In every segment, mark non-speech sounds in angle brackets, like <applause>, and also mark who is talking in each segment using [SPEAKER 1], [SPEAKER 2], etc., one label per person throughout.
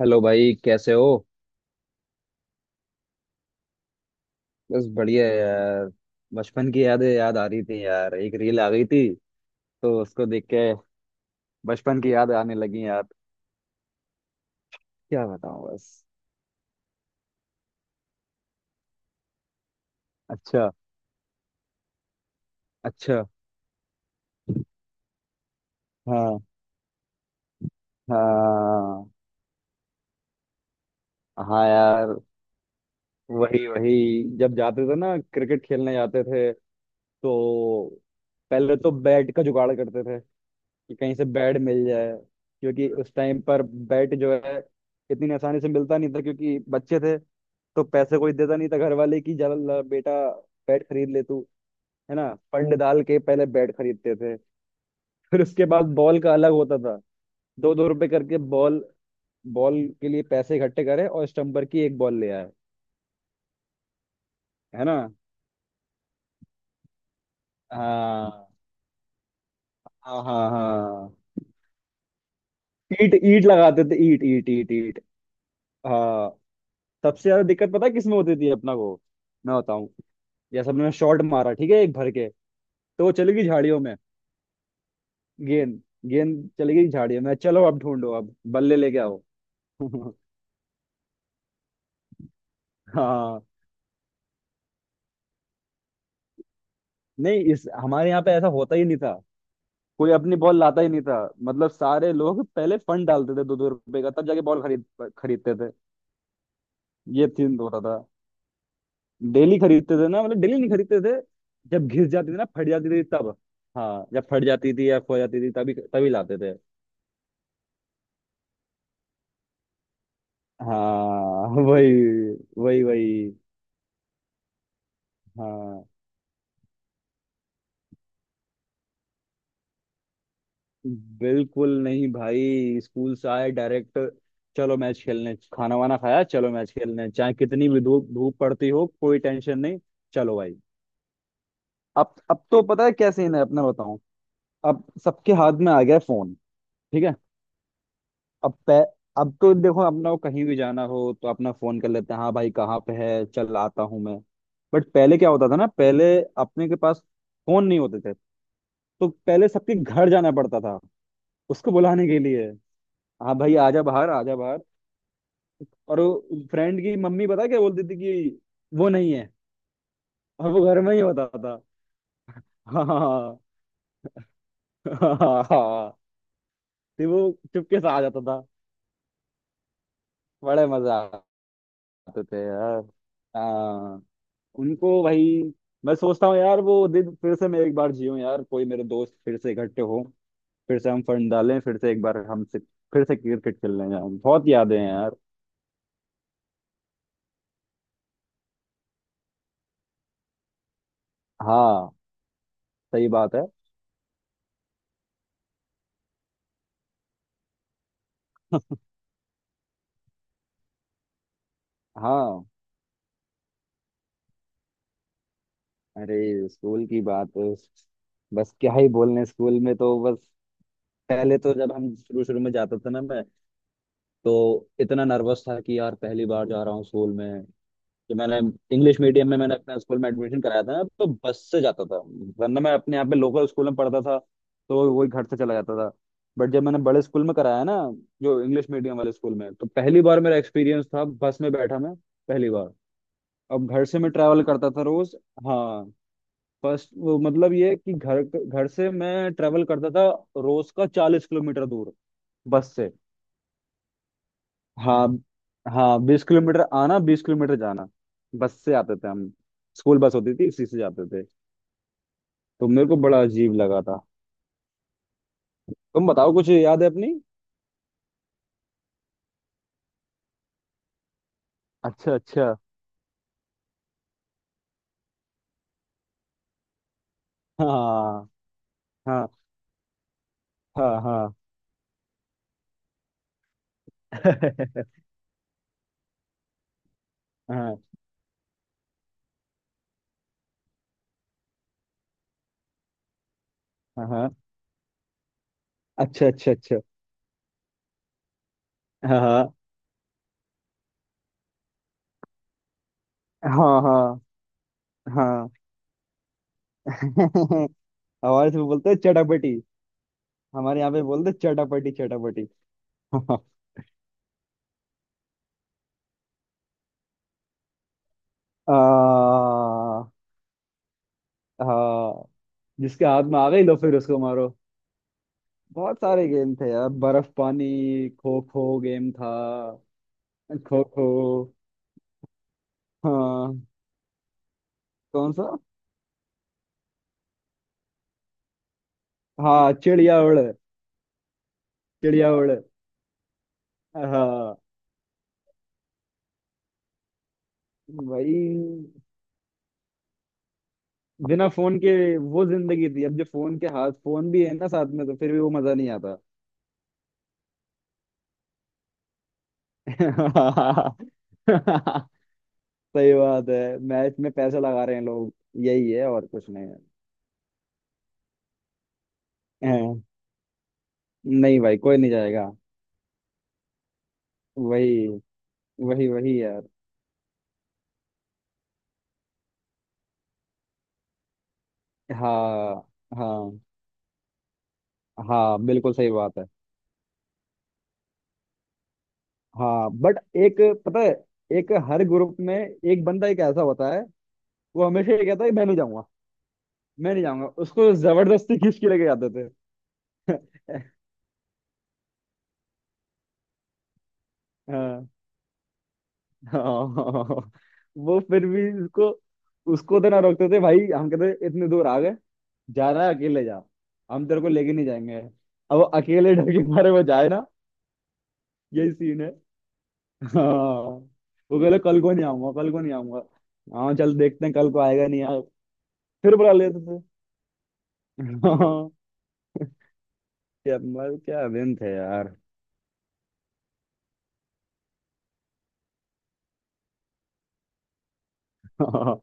[SPEAKER 1] Hello भाई, कैसे हो? बस बढ़िया है यार। बचपन की यादें याद आ रही थी यार। एक रील आ गई थी तो उसको देख के बचपन की याद आने लगी यार। क्या बताऊं बस। अच्छा। अच्छा। हाँ, हाँ, हाँ। यार वही वही। जब जाते थे ना क्रिकेट खेलने जाते थे, तो पहले तो बैट का जुगाड़ करते थे कि कहीं से बेड मिल जाए। क्योंकि उस टाइम पर बेड जो है, इतनी आसानी से मिलता नहीं था क्योंकि बच्चे थे। तो पैसे कोई देता नहीं था घर वाले की, जा ला बेटा बैट खरीद ले तू। है ना। फंड डाल के पहले बैट खरीदते थे। फिर उसके बाद बॉल का अलग होता था। दो दो रुपए करके बॉल। बॉल के लिए पैसे इकट्ठे करे और स्टम्पर की एक बॉल ले आए। है ना। हाँ, हाँ, हाँ, हाँ। ईट ईट लगाते थे, ईट ईट ईट ईट। हाँ। सबसे ज्यादा दिक्कत पता है किसमें होती थी अपना को? मैं बताऊं। जैसे मैंने शॉट मारा ठीक है, एक भर के। तो वो चली गई झाड़ियों में। गेंद। गेंद चली गई झाड़ियों में, चलो अब ढूंढो, अब बल्ले लेके आओ। <laughs> हाँ। नहीं, इस हमारे यहाँ पे ऐसा होता ही नहीं था। कोई अपनी बॉल लाता ही नहीं था। मतलब सारे लोग पहले फंड डालते थे दो दो रुपए का, तब जाके बॉल खरीदते थे। ये सीन होता था। डेली खरीदते थे ना, मतलब डेली नहीं खरीदते थे। जब घिस जाती थी ना, फट जाती थी तब। हाँ, जब फट जाती थी या खो जाती थी, तभी तभी लाते थे। हाँ। <laughs> वही वही वही। हाँ। बिल्कुल नहीं भाई, स्कूल से आए डायरेक्ट, चलो मैच खेलने। खाना वाना खाया, चलो मैच खेलने। चाहे कितनी भी धूप धूप पड़ती हो, कोई टेंशन नहीं। चलो भाई। अब तो पता है क्या सीन है अपना, बताऊं। अब सबके हाथ में आ गया फोन। ठीक है। अब पै, अब तो देखो, अपना को कहीं भी जाना हो तो अपना फोन कर लेते हैं। हाँ भाई, कहाँ पे है, चल आता हूँ मैं। बट पहले क्या होता था ना, पहले अपने के पास फोन नहीं होते थे। तो पहले सबके घर जाना पड़ता था उसको बुलाने के लिए। हाँ भाई आजा बाहर, आजा बाहर। और वो फ्रेंड की मम्मी पता है क्या बोलती थी कि वो नहीं है। और वो घर में ही होता था। <laughs> हाँ, हाँ, हाँ। हाँ, हाँ। फिर वो चुपके से आ जाता था। बड़े मजा आते थे यार। हाँ। उनको भाई, मैं सोचता हूँ यार, वो दिन फिर से मैं एक बार जीऊँ यार, कोई मेरे दोस्त फिर से इकट्ठे हो। फिर से हम फंड डालें, फिर से एक बार, हम से फिर से क्रिकेट खेलने जाएं। बहुत यादें हैं यार। हाँ, सही बात है। <laughs> हाँ। अरे स्कूल की बात, बस क्या ही बोलने, स्कूल में तो बस। पहले तो जब हम शुरू शुरू में जाता था ना मैं, तो इतना नर्वस था कि यार पहली बार जा रहा हूँ स्कूल में। कि मैंने इंग्लिश मीडियम में मैंने अपने स्कूल में एडमिशन कराया था ना, तो बस से जाता था। वरना मैं अपने यहाँ पे लोकल स्कूल में पढ़ता था, तो वही घर से चला जाता था। बट जब मैंने बड़े स्कूल में कराया ना, जो इंग्लिश मीडियम वाले स्कूल में, तो पहली बार मेरा एक्सपीरियंस था बस में बैठा मैं। पहली बार अब घर से मैं ट्रैवल करता था रोज। हाँ। फर्स्ट वो मतलब ये कि घर घर से मैं ट्रेवल करता था, रोज का 40 किलोमीटर दूर, बस से। हाँ, हाँ, 20 किलोमीटर आना, 20 किलोमीटर जाना। बस से आते थे हम, स्कूल बस होती थी उसी से जाते थे। तो मेरे को बड़ा अजीब लगा था। तुम बताओ कुछ याद है अपनी? अच्छा, अच्छा। हाँ, हाँ, हाँ, हाँ। <laughs> हाँ, हाँ, हाँ। अच्छा, अच्छा, अच्छा। हाँ, हाँ, हाँ, हाँ। <laughs> हमारे इसमें बोलते हैं चटापटी। हमारे यहाँ पे बोलते हैं चटापटी चटापटी। <laughs> आ, हाँ। जिसके हाथ में आ गई लो, फिर उसको मारो। बहुत सारे गेम थे यार, बर्फ पानी, खो खो गेम था। खो खो। हाँ। कौन सा? हाँ, चिड़िया उड़। चिड़िया उड़। हाँ। भाई बिना फोन के वो जिंदगी थी, अब जो फोन के हाथ, फोन भी है ना साथ में, तो फिर भी वो मजा नहीं आता। <laughs> सही बात है, मैच में पैसा लगा रहे हैं लोग। यही है, और कुछ नहीं है। हैं। नहीं भाई, कोई नहीं जाएगा। वही वही वही यार। हाँ, हाँ, हाँ, बिल्कुल सही बात है। हाँ बट एक, पता है, एक हर ग्रुप में एक बंदा, एक ऐसा होता है वो हमेशा ये कहता है, मैं नहीं जाऊंगा, मैं नहीं जाऊंगा। उसको जबरदस्ती खींच के लेके जाते थे। <laughs> हाँ, हाँ। वो फिर भी उसको उसको तो ना रोकते थे भाई। हम कहते इतने दूर आ गए, जा रहा है अकेले जा, हम तेरे को लेके नहीं जाएंगे। अब वो अकेले <laughs> डर के मारे वो जाए ना। यही सीन। हाँ। वो कह रहे कल को नहीं आऊंगा, कल को नहीं आऊंगा। हाँ, चल देखते हैं कल को आएगा नहीं यार। फिर बुला लेते थे। हाँ। क्या दिन थे यार। हाँ,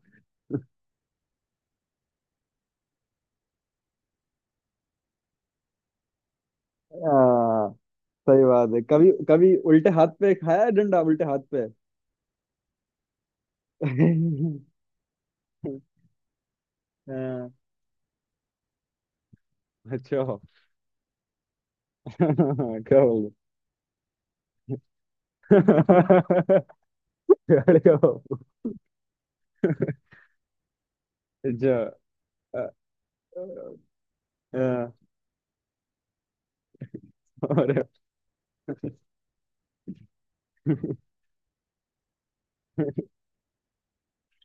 [SPEAKER 1] हाँ। सही बात है, कभी कभी उल्टे हाथ पे खाया है डंडा, उल्टे हाथ पे। हाँ। अच्छा, क्या बोल, क्या बोल? अच्छा। अ- अ- अरे,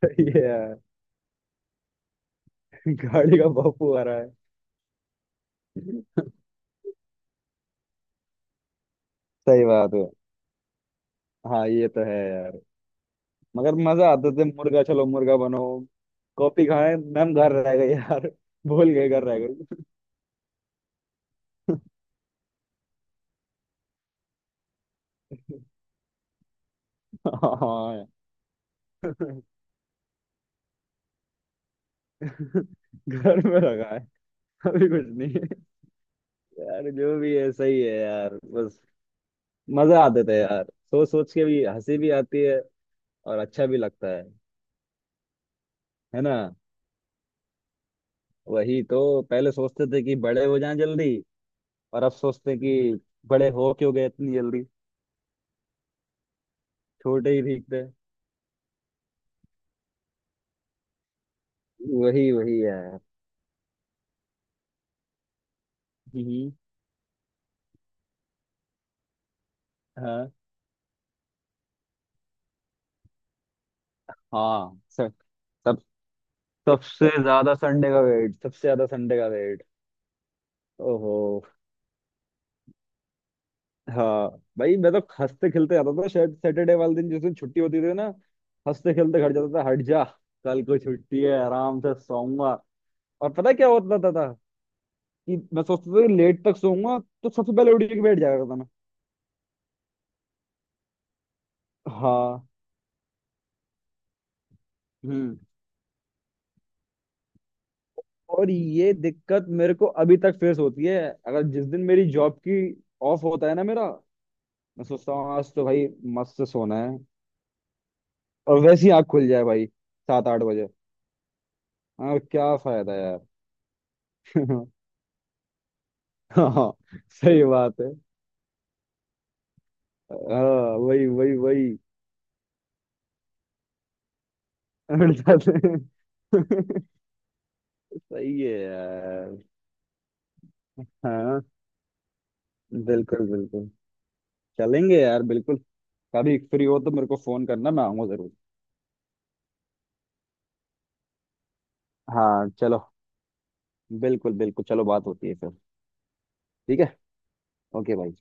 [SPEAKER 1] सही है यार। गाड़ी का बापू आ रहा है। सही बात है। हाँ ये तो है यार। मगर मजा आता था, मुर्गा चलो मुर्गा बनो। कॉपी खाए मैम, घर रह गए यार। <laughs> भूल गए, घर रह गए। हाँ यार। <laughs> घर में रखा है, अभी कुछ नहीं है। यार जो भी है सही है यार बस। मजा आते थे यार। सोच सोच के भी हंसी भी आती है, और अच्छा भी लगता है। है ना। वही तो। पहले सोचते थे कि बड़े हो जाएं जल्दी, और अब सोचते हैं कि बड़े हो क्यों गए इतनी जल्दी। छोटे ही ठीक थे। वही वही यार। हम्म। हाँ, हाँ सर। सब, सबसे ज्यादा संडे का वेट, सबसे ज्यादा संडे का वेट। ओहो। हाँ। भाई मैं तो हंसते खेलते जाता था शायद, सैटरडे वाले दिन, जिस दिन छुट्टी होती थी ना, हंसते खेलते घर जाता था। हट जा, कल को छुट्टी है, आराम से सोऊंगा। और पता है क्या होता था कि मैं सोचता था कि लेट तक सोऊंगा, तो सबसे पहले उठ के बैठ जाया करता मैं। हाँ। हम्म। और ये दिक्कत मेरे को अभी तक फेस होती है। अगर जिस दिन मेरी जॉब की ऑफ होता है ना मेरा, मैं सोचता हूँ आज तो भाई मस्त से सोना है, और वैसी आँख खुल जाए भाई 7-8 बजे। हाँ, क्या फायदा यार। <laughs> हाँ, सही बात है। हाँ, वही वही वही। हट जाते हैं। <laughs> सही है यार। हाँ, बिल्कुल बिल्कुल, चलेंगे यार, बिल्कुल। कभी फ्री हो तो मेरे को फोन करना, मैं आऊंगा जरूर। हाँ, चलो, बिल्कुल बिल्कुल, चलो बात होती है फिर। ठीक है। ओके भाई।